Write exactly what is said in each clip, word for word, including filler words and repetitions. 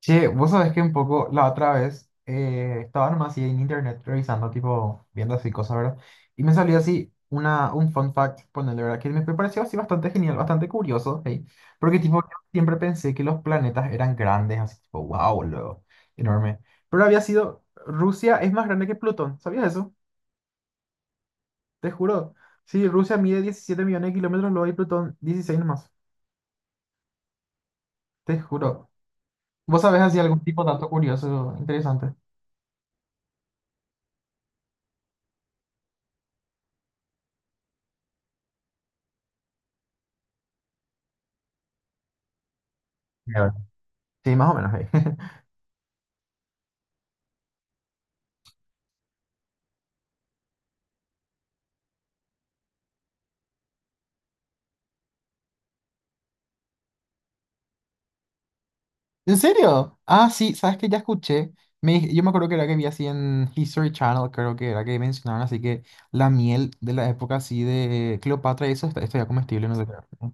Che, vos sabés que un poco la otra vez eh, estaba nomás así en internet revisando, tipo, viendo así cosas, ¿verdad? Y me salió así una, un fun fact, ponerle, ¿verdad? Que me pareció así bastante genial, bastante curioso, ¿sí? Porque, tipo, yo siempre pensé que los planetas eran grandes, así, tipo, wow, luego, enorme. Pero había sido, Rusia es más grande que Plutón, ¿sabías eso? Te juro. Sí, Rusia mide diecisiete millones de kilómetros, luego hay Plutón dieciséis nomás, te juro. ¿Vos sabés así algún tipo de dato curioso, interesante? A ver. Sí, más o menos, ¿eh? ¿En serio? Ah, sí, sabes que ya escuché. Me- yo me acuerdo que era que vi así en History Channel, creo que era que mencionaban así que la miel de la época así de Cleopatra y eso está, está ya comestible, no sé qué.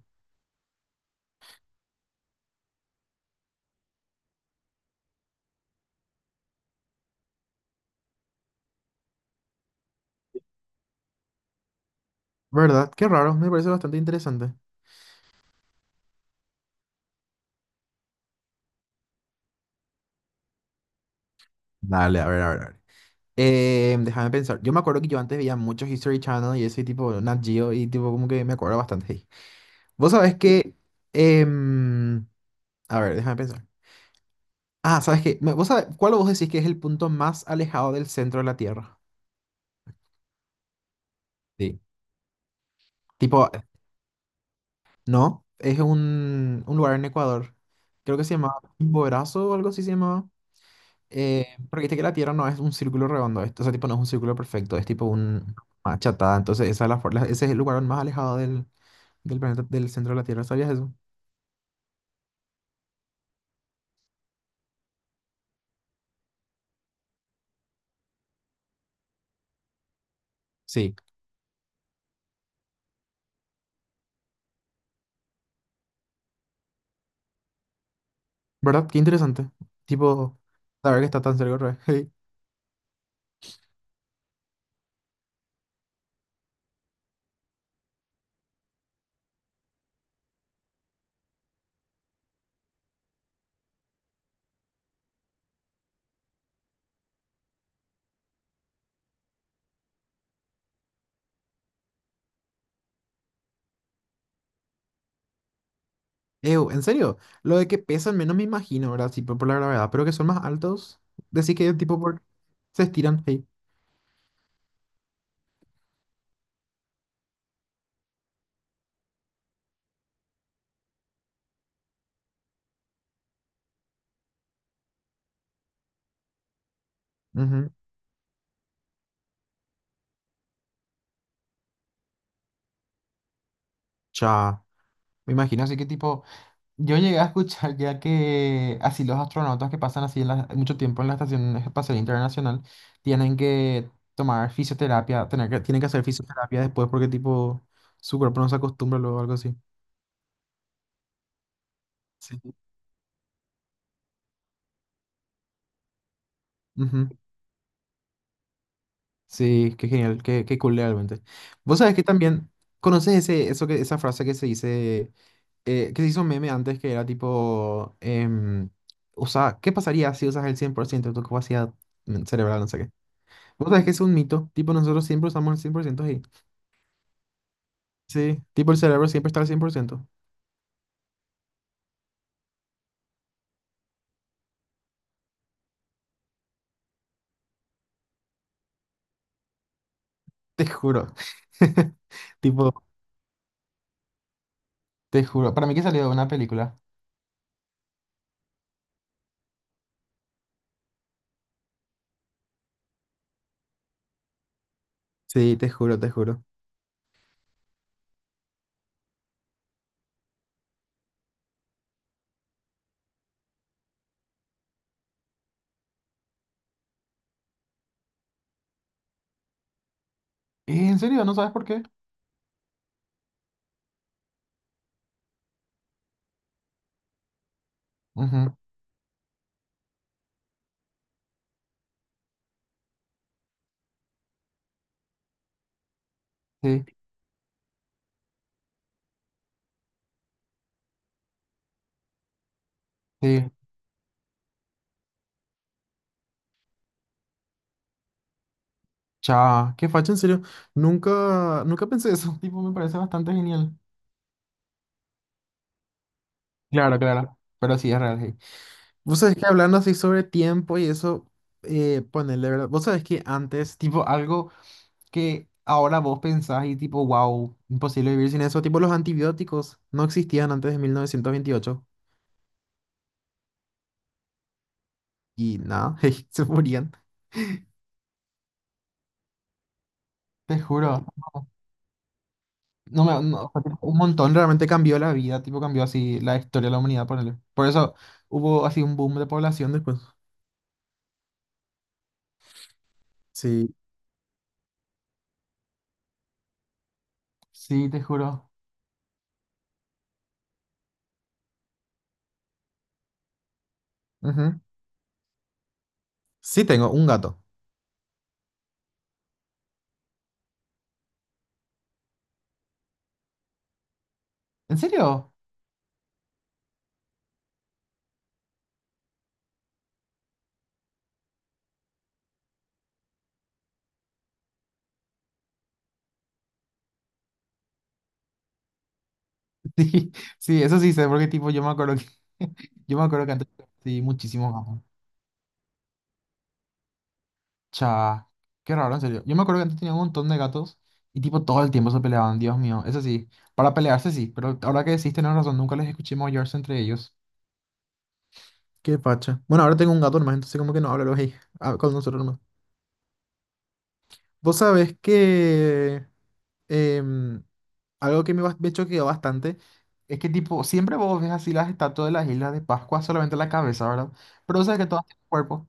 ¿Verdad? Qué raro, me parece bastante interesante. Dale, a ver, a ver, a ver. Eh, déjame pensar. Yo me acuerdo que yo antes veía muchos History Channel y ese tipo, Nat Geo, y tipo como que me acuerdo bastante ahí. Vos sabés que em, a ver, déjame pensar. Ah, ¿sabes qué? Me- ¿Vos sabés cuál vos decís que es el punto más alejado del centro de la Tierra? Sí. Tipo, no, es un, un lugar en Ecuador. Creo que se llamaba Chimborazo o algo así se llamaba. Eh, porque viste que la Tierra no es un círculo redondo, es- o sea, tipo no es un círculo perfecto, es tipo un una achatada. Entonces, esa es la, for- la- ese es el lugar más alejado del, del planeta, del centro de la Tierra. ¿Sabías eso? Sí. ¿Verdad? Qué interesante. Tipo, saber que está tan cerca otra vez. Ew, en serio, lo de que pesan menos me imagino, ¿verdad? Tipo por la gravedad, pero que son más altos. Decir que tipo por... se estiran. Hey. Ujú. Cha. Me imagino así que tipo. Yo llegué a escuchar ya que así los astronautas que pasan así en la- mucho tiempo en la Estación Espacial Internacional tienen que tomar fisioterapia, tener que, tienen que hacer fisioterapia después porque tipo su cuerpo no se acostumbra luego algo así. Sí. Ujú. Sí, qué genial, qué, qué cool realmente. Vos sabés que también conoces ese, eso que, esa frase que se dice, eh, que se hizo meme antes que era tipo, em, usa, ¿qué pasaría si usas el cien por ciento de tu capacidad cerebral? No sé qué. Vos sabés que es un mito. Tipo, nosotros siempre usamos el cien por ciento ahí. Sí. Tipo, el cerebro siempre está al cien por ciento. Te juro. Tipo, te juro. Para mí que salió de una película. Sí, te juro, te juro. Eh, ¿En serio? ¿No sabes por qué? Ujú, sí, sí. Cha, qué facha, en serio. Nunca, nunca pensé eso. Tipo, me parece bastante genial. Claro, claro. Pero sí, es real, sí. Vos sabés que hablando así sobre tiempo y eso, eh, ponele, ¿verdad? Vos sabés que antes, tipo, algo que ahora vos pensás y tipo, wow, imposible vivir sin eso. Tipo, los antibióticos no existían antes de mil novecientos veintiocho y nada, se morían. Te juro. No me, no, fue tipo un montón realmente cambió la vida, tipo cambió así la historia de la humanidad, ponele. Por eso hubo así un boom de población después. Sí. Sí, te juro. Ujú. Sí, tengo un gato. ¿En serio? Sí, sí, eso sí sé, porque tipo yo me acuerdo que yo me acuerdo que antes sí, muchísimos gatos. Cha, qué raro, en serio. Yo me acuerdo que antes tenía un montón de gatos y tipo todo el tiempo se peleaban, Dios mío. Eso sí, para pelearse sí, pero ahora que decís tenés razón, nunca les escuché maullarse entre ellos. Qué pacha. Bueno, ahora tengo un gato nomás, entonces como que no habla luego ahí ah, con nosotros nomás. Vos sabés que em, algo que me, bas- me choqueó bastante. Es que tipo, siempre vos ves así las estatuas de las Islas de Pascua, solamente la cabeza, ¿verdad? Pero sabes que todas tienen cuerpo.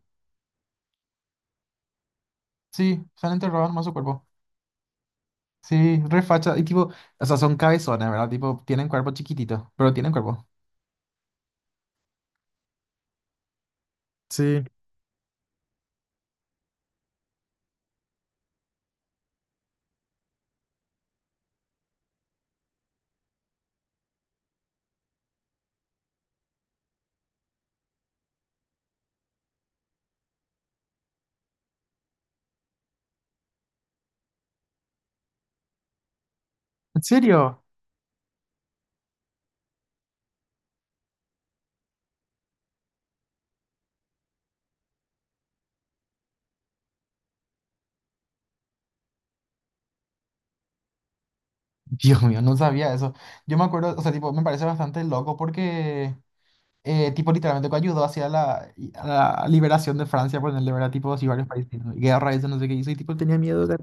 Sí, se han enterrado nomás su cuerpo. Sí, re facha. Y tipo, o sea, son cabezones, ¿verdad? Tipo, tienen cuerpo chiquitito, pero tienen cuerpo. Sí. ¿En serio? Dios mío, no sabía eso. Yo me acuerdo, o sea, tipo, me parece bastante loco porque, eh, tipo, literalmente que ayudó hacia la, y- a la liberación de Francia, por el ¿verdad? Tipo, así varios países, ¿no? Y guerra, eso, no sé qué hizo, y tipo, tenía miedo. de-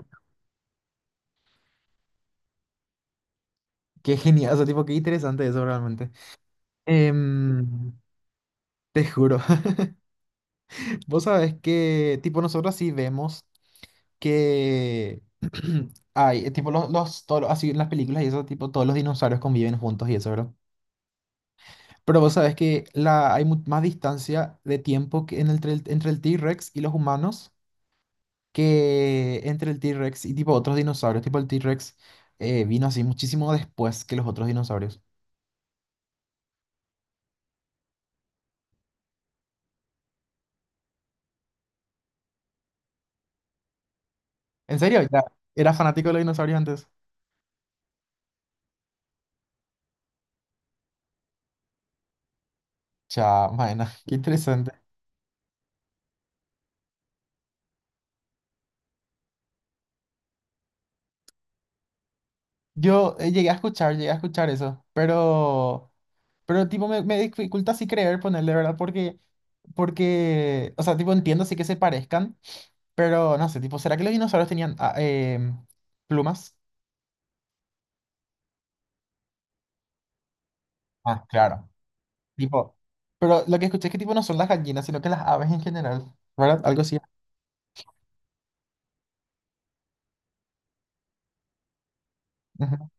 Qué genial, o sea, tipo, qué interesante eso realmente. Em, te juro. Vos sabés que, tipo, nosotros sí vemos que hay, eh, tipo los, los toros, así en las películas y eso, tipo todos los dinosaurios conviven juntos y eso, ¿verdad? Pero vos sabés que la, hay mu- más distancia de tiempo que en el, tre- entre el T-Rex y los humanos que entre el T-Rex y tipo otros dinosaurios, tipo el T-Rex eh, vino así muchísimo después que los otros dinosaurios. ¿En serio? Ya, ¿era fanático de los dinosaurios antes? Cha, bueno, qué interesante. Yo eh, llegué a escuchar, llegué a escuchar eso, pero, pero tipo me, me dificulta así creer ponerle, ¿verdad? Porque, porque, o sea, tipo entiendo sí que se parezcan, pero no sé, tipo, ¿será que los dinosaurios tenían ah, em, plumas? Ah, claro. Tipo, pero lo que escuché es que tipo no son las gallinas, sino que las aves en general, ¿verdad? Algo así. Ujú.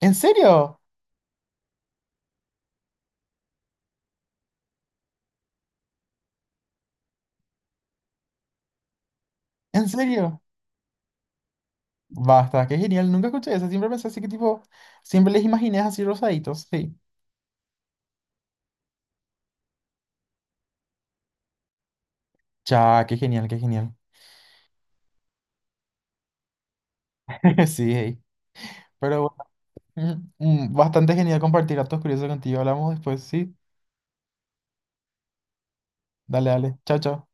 ¿En serio? ¿En serio? Basta, qué genial, nunca escuché eso, siempre pensé así que tipo, siempre les imaginé así rosaditos, sí. Ya, qué genial, qué genial. Sí, hey. Pero Mm, mm, Bastante genial compartir datos curiosos contigo. Hablamos después, sí. Dale, dale. Chao, chao.